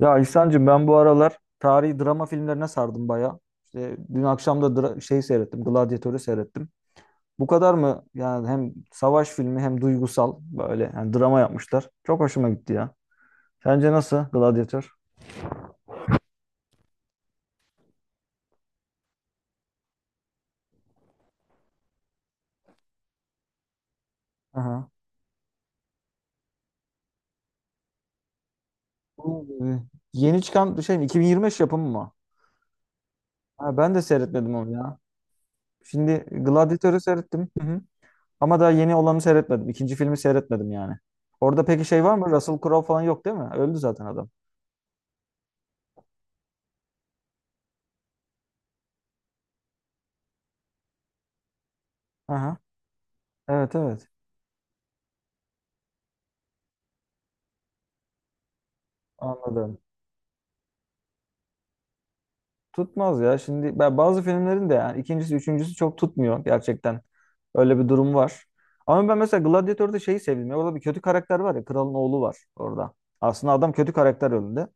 Ya İhsan'cığım ben bu aralar tarihi drama filmlerine sardım baya. İşte dün akşam da seyrettim, Gladiator'u seyrettim. Bu kadar mı? Yani hem savaş filmi hem duygusal böyle yani drama yapmışlar. Çok hoşuma gitti ya. Sence nasıl Gladiator? Aha. Bu, e, Yeni çıkan şey mi? 2025 yapımı mı? Ha, ben de seyretmedim onu ya. Şimdi Gladiator'u seyrettim. Hı hı. Ama daha yeni olanı seyretmedim. İkinci filmi seyretmedim yani. Orada peki şey var mı? Russell Crowe falan yok değil mi? Öldü zaten adam. Aha. Evet, evet. Anladım. Tutmaz ya. Şimdi ben bazı filmlerin de yani ikincisi, üçüncüsü çok tutmuyor gerçekten. Öyle bir durum var. Ama ben mesela Gladiator'da şeyi sevdim. Ya, orada bir kötü karakter var ya. Kralın oğlu var orada. Aslında adam kötü karakter önünde.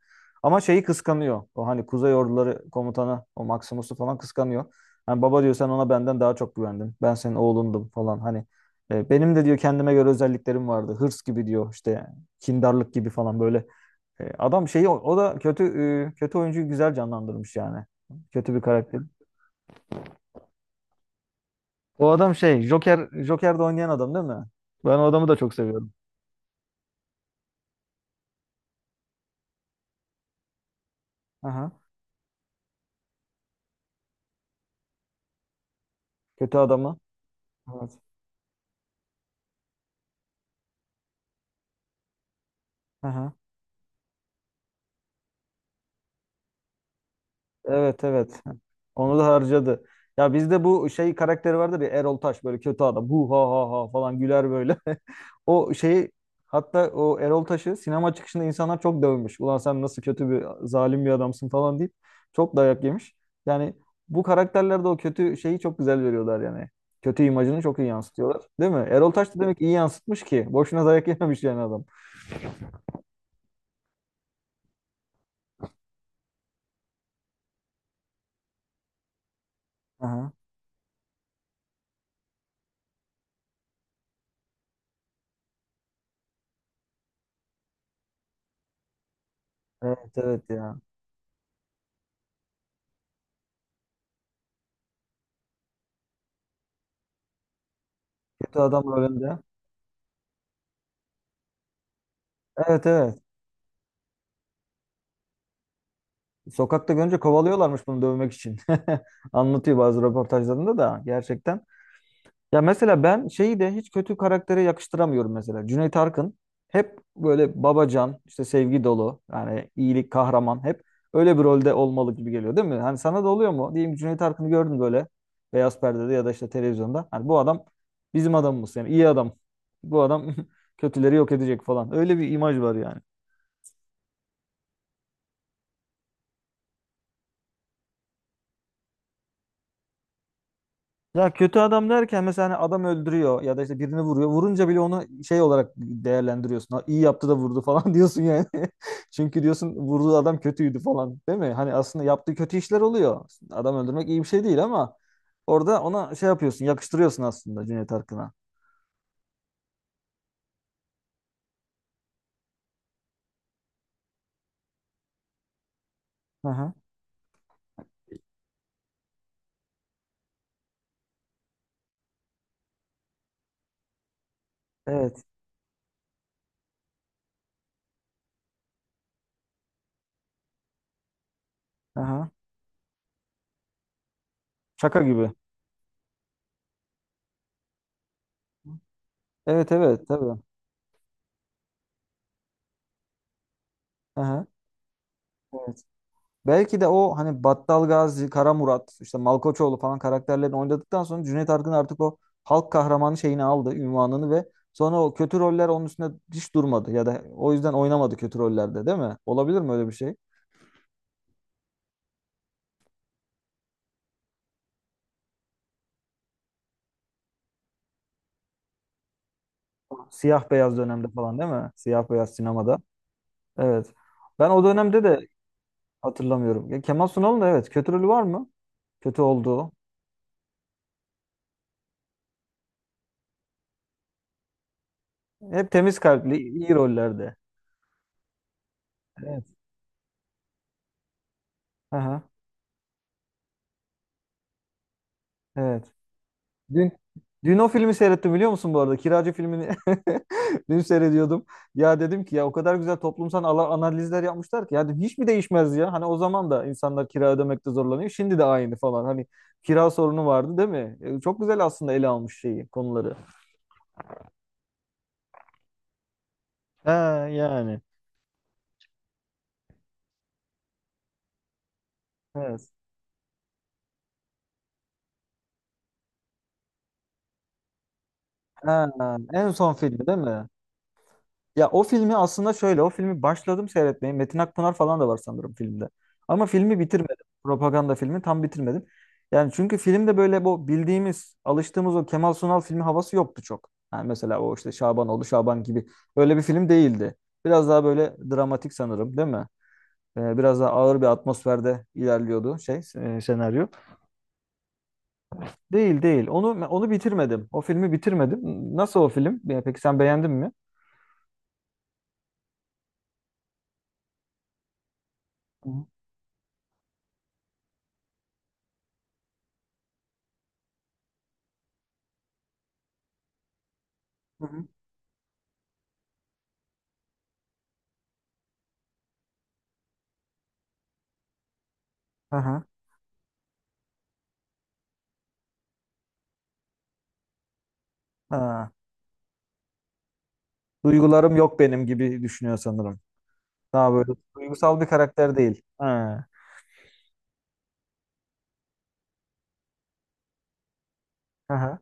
Ama şeyi kıskanıyor. O hani Kuzey Orduları komutanı, o Maximus'u falan kıskanıyor. Hani baba diyor sen ona benden daha çok güvendin. Ben senin oğlundum falan. Hani benim de diyor kendime göre özelliklerim vardı. Hırs gibi diyor işte kindarlık gibi falan böyle. Adam şeyi o, o da kötü e, kötü oyuncuyu güzel canlandırmış yani. Kötü bir karakter. O adam şey Joker'de oynayan adam değil mi? Ben o adamı da çok seviyorum. Aha. Kötü adamı. Evet. Aha. Evet, evet. Onu da harcadı. Ya bizde bu şey karakteri vardır ya Erol Taş böyle kötü adam. Bu ha ha ha falan güler böyle. O şeyi hatta o Erol Taş'ı sinema çıkışında insanlar çok dövmüş. Ulan sen nasıl kötü bir zalim bir adamsın falan deyip çok dayak yemiş. Yani bu karakterlerde o kötü şeyi çok güzel veriyorlar yani. Kötü imajını çok iyi yansıtıyorlar. Değil mi? Erol Taş da demek iyi yansıtmış ki. Boşuna dayak yememiş yani adam. Aha. Evet, evet ya. Kötü adamlar önde. Evet, evet. Sokakta görünce kovalıyorlarmış bunu dövmek için. Anlatıyor bazı röportajlarında da gerçekten. Ya mesela ben şeyi de hiç kötü karaktere yakıştıramıyorum mesela. Cüneyt Arkın hep böyle babacan, işte sevgi dolu, yani iyilik kahraman hep öyle bir rolde olmalı gibi geliyor değil mi? Hani sana da oluyor mu? Diyeyim ki Cüneyt Arkın'ı gördün böyle beyaz perdede ya da işte televizyonda. Hani bu adam bizim adamımız yani iyi adam. Bu adam kötüleri yok edecek falan. Öyle bir imaj var yani. Ya kötü adam derken mesela hani adam öldürüyor ya da işte birini vuruyor. Vurunca bile onu şey olarak değerlendiriyorsun. Ha, iyi yaptı da vurdu falan diyorsun yani. Çünkü diyorsun vurduğu adam kötüydü falan değil mi? Hani aslında yaptığı kötü işler oluyor. Adam öldürmek iyi bir şey değil ama orada ona şey yapıyorsun, yakıştırıyorsun aslında Cüneyt Arkın'a. Hı hı. Evet. Hı hı. Şaka gibi. Evet, evet tabii. Hı hı. Evet. Belki de o hani Battal Gazi, Kara Murat, işte Malkoçoğlu falan karakterlerini oynadıktan sonra Cüneyt Arkın artık o halk kahramanı şeyini aldı, ünvanını ve sonra o kötü roller onun üstünde hiç durmadı ya da o yüzden oynamadı kötü rollerde değil mi? Olabilir mi öyle bir şey? Siyah beyaz dönemde falan değil mi? Siyah beyaz sinemada. Evet. Ben o dönemde de hatırlamıyorum. Ya Kemal Sunal'ın da evet kötü rolü var mı? Kötü olduğu. Hep temiz kalpli, iyi rollerde. Evet. Aha, evet. Dün dün o filmi seyrettim biliyor musun bu arada? Kiracı filmini dün seyrediyordum. Ya dedim ki ya o kadar güzel toplumsal analizler yapmışlar ki ya dedim, hiç mi değişmez ya? Hani o zaman da insanlar kira ödemekte zorlanıyor. Şimdi de aynı falan. Hani kira sorunu vardı değil mi? E, çok güzel aslında ele almış şeyi, konuları. Ha yani. Evet. Ha, en son filmi değil mi? Ya o filmi aslında şöyle, o filmi başladım seyretmeye. Metin Akpınar falan da var sanırım filmde. Ama filmi bitirmedim. Propaganda filmi tam bitirmedim. Yani çünkü filmde böyle bu bildiğimiz, alıştığımız o Kemal Sunal filmi havası yoktu çok. Yani mesela o işte Şabanoğlu, Şaban gibi öyle bir film değildi. Biraz daha böyle dramatik sanırım, değil mi? Biraz daha ağır bir atmosferde ilerliyordu senaryo. Değil değil. Onu bitirmedim. O filmi bitirmedim. Nasıl o film? Ya peki sen beğendin mi? Hı hı. Hı hı. Aha. Ha. Duygularım yok benim gibi düşünüyor sanırım. Daha böyle duygusal bir karakter değil. Ha. Aha,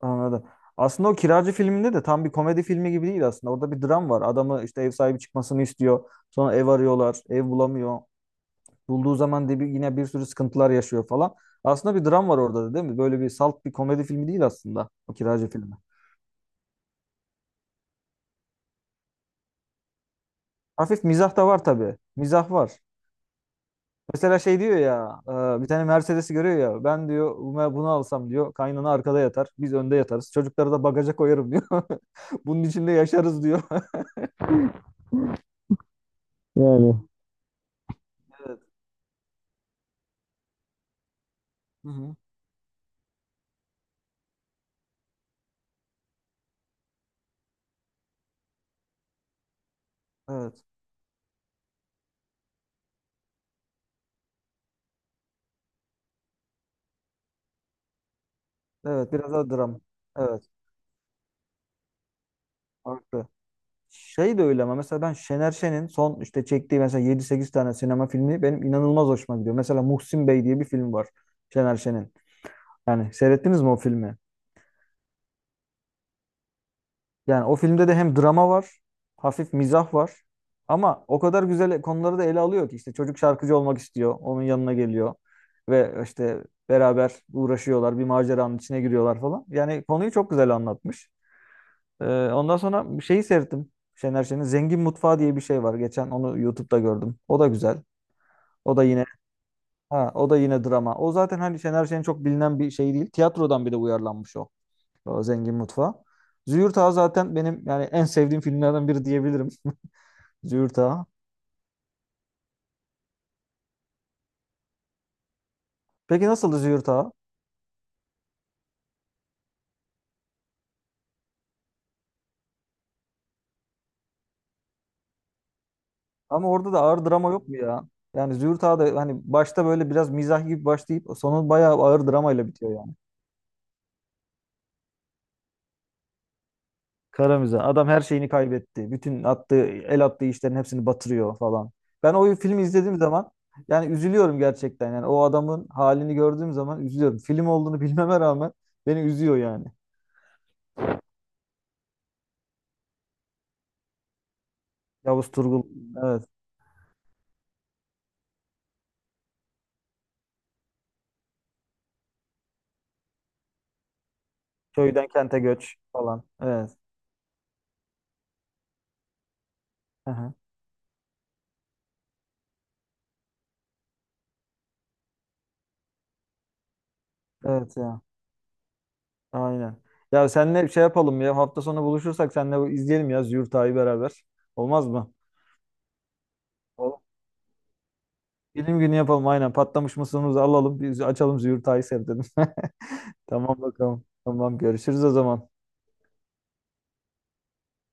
anladım. Aslında o Kiracı filminde de tam bir komedi filmi gibi değil aslında. Orada bir dram var. Adamı işte ev sahibi çıkmasını istiyor. Sonra ev arıyorlar. Ev bulamıyor. Bulduğu zaman de bir, yine bir sürü sıkıntılar yaşıyor falan. Aslında bir dram var orada da değil mi? Böyle bir salt bir komedi filmi değil aslında o Kiracı filmi. Hafif mizah da var tabii. Mizah var. Mesela şey diyor ya, bir tane Mercedes'i görüyor ya. Ben diyor, "Buna- bunu alsam," diyor. "Kaynana arkada yatar. Biz önde yatarız. Çocukları da bagaja koyarım," diyor. "Bunun içinde yaşarız," diyor. Yani. Evet. Hı-hı. Evet. Evet biraz daha dram. Evet. Farklı. Şey de öyle ama mesela ben Şener Şen'in son işte çektiği mesela yedi sekiz tane sinema filmi benim inanılmaz hoşuma gidiyor. Mesela Muhsin Bey diye bir film var Şener Şen'in. Yani seyrettiniz mi o filmi? Yani o filmde de hem drama var, hafif mizah var. Ama o kadar güzel konuları da ele alıyor ki işte çocuk şarkıcı olmak istiyor, onun yanına geliyor ve işte beraber uğraşıyorlar, bir maceranın içine giriyorlar falan. Yani konuyu çok güzel anlatmış. Ee, Ondan sonra bir şeyi seyrettim. Şener Şen'in Zengin Mutfağı diye bir şey var. Geçen onu YouTube'da gördüm. O da güzel. O da yine ha, o da yine drama. O zaten hani Şener Şen'in çok bilinen bir şey değil. Tiyatrodan bir de uyarlanmış o. Zengin Mutfağı. Züğürt Ağa zaten benim yani en sevdiğim filmlerden biri diyebilirim. Züğürt Ağa. Peki nasıldı Züğürt Ağa? Ama orada da ağır drama yok mu ya? Yani Züğürt Ağa da hani başta böyle biraz mizah gibi başlayıp sonu bayağı ağır dramayla bitiyor yani. Kara mizah. Adam her şeyini kaybetti. Bütün attığı, el attığı işlerin hepsini batırıyor falan. Ben o filmi izlediğim zaman yani üzülüyorum gerçekten. Yani o adamın halini gördüğüm zaman üzülüyorum. Film olduğunu bilmeme rağmen beni üzüyor yani. Yavuz Turgul. Evet. Köyden kente göç falan. Evet. Hı hı. Evet ya. Aynen. Ya senle bir şey yapalım ya. Hafta sonu buluşursak senle izleyelim ya Züğürt Ağa'yı beraber. Olmaz mı? Olur. Bilim günü yapalım aynen. Patlamış mısırımızı alalım. Biz açalım Züğürt Ağa'yı seyredelim. Tamam bakalım. Tamam görüşürüz o zaman.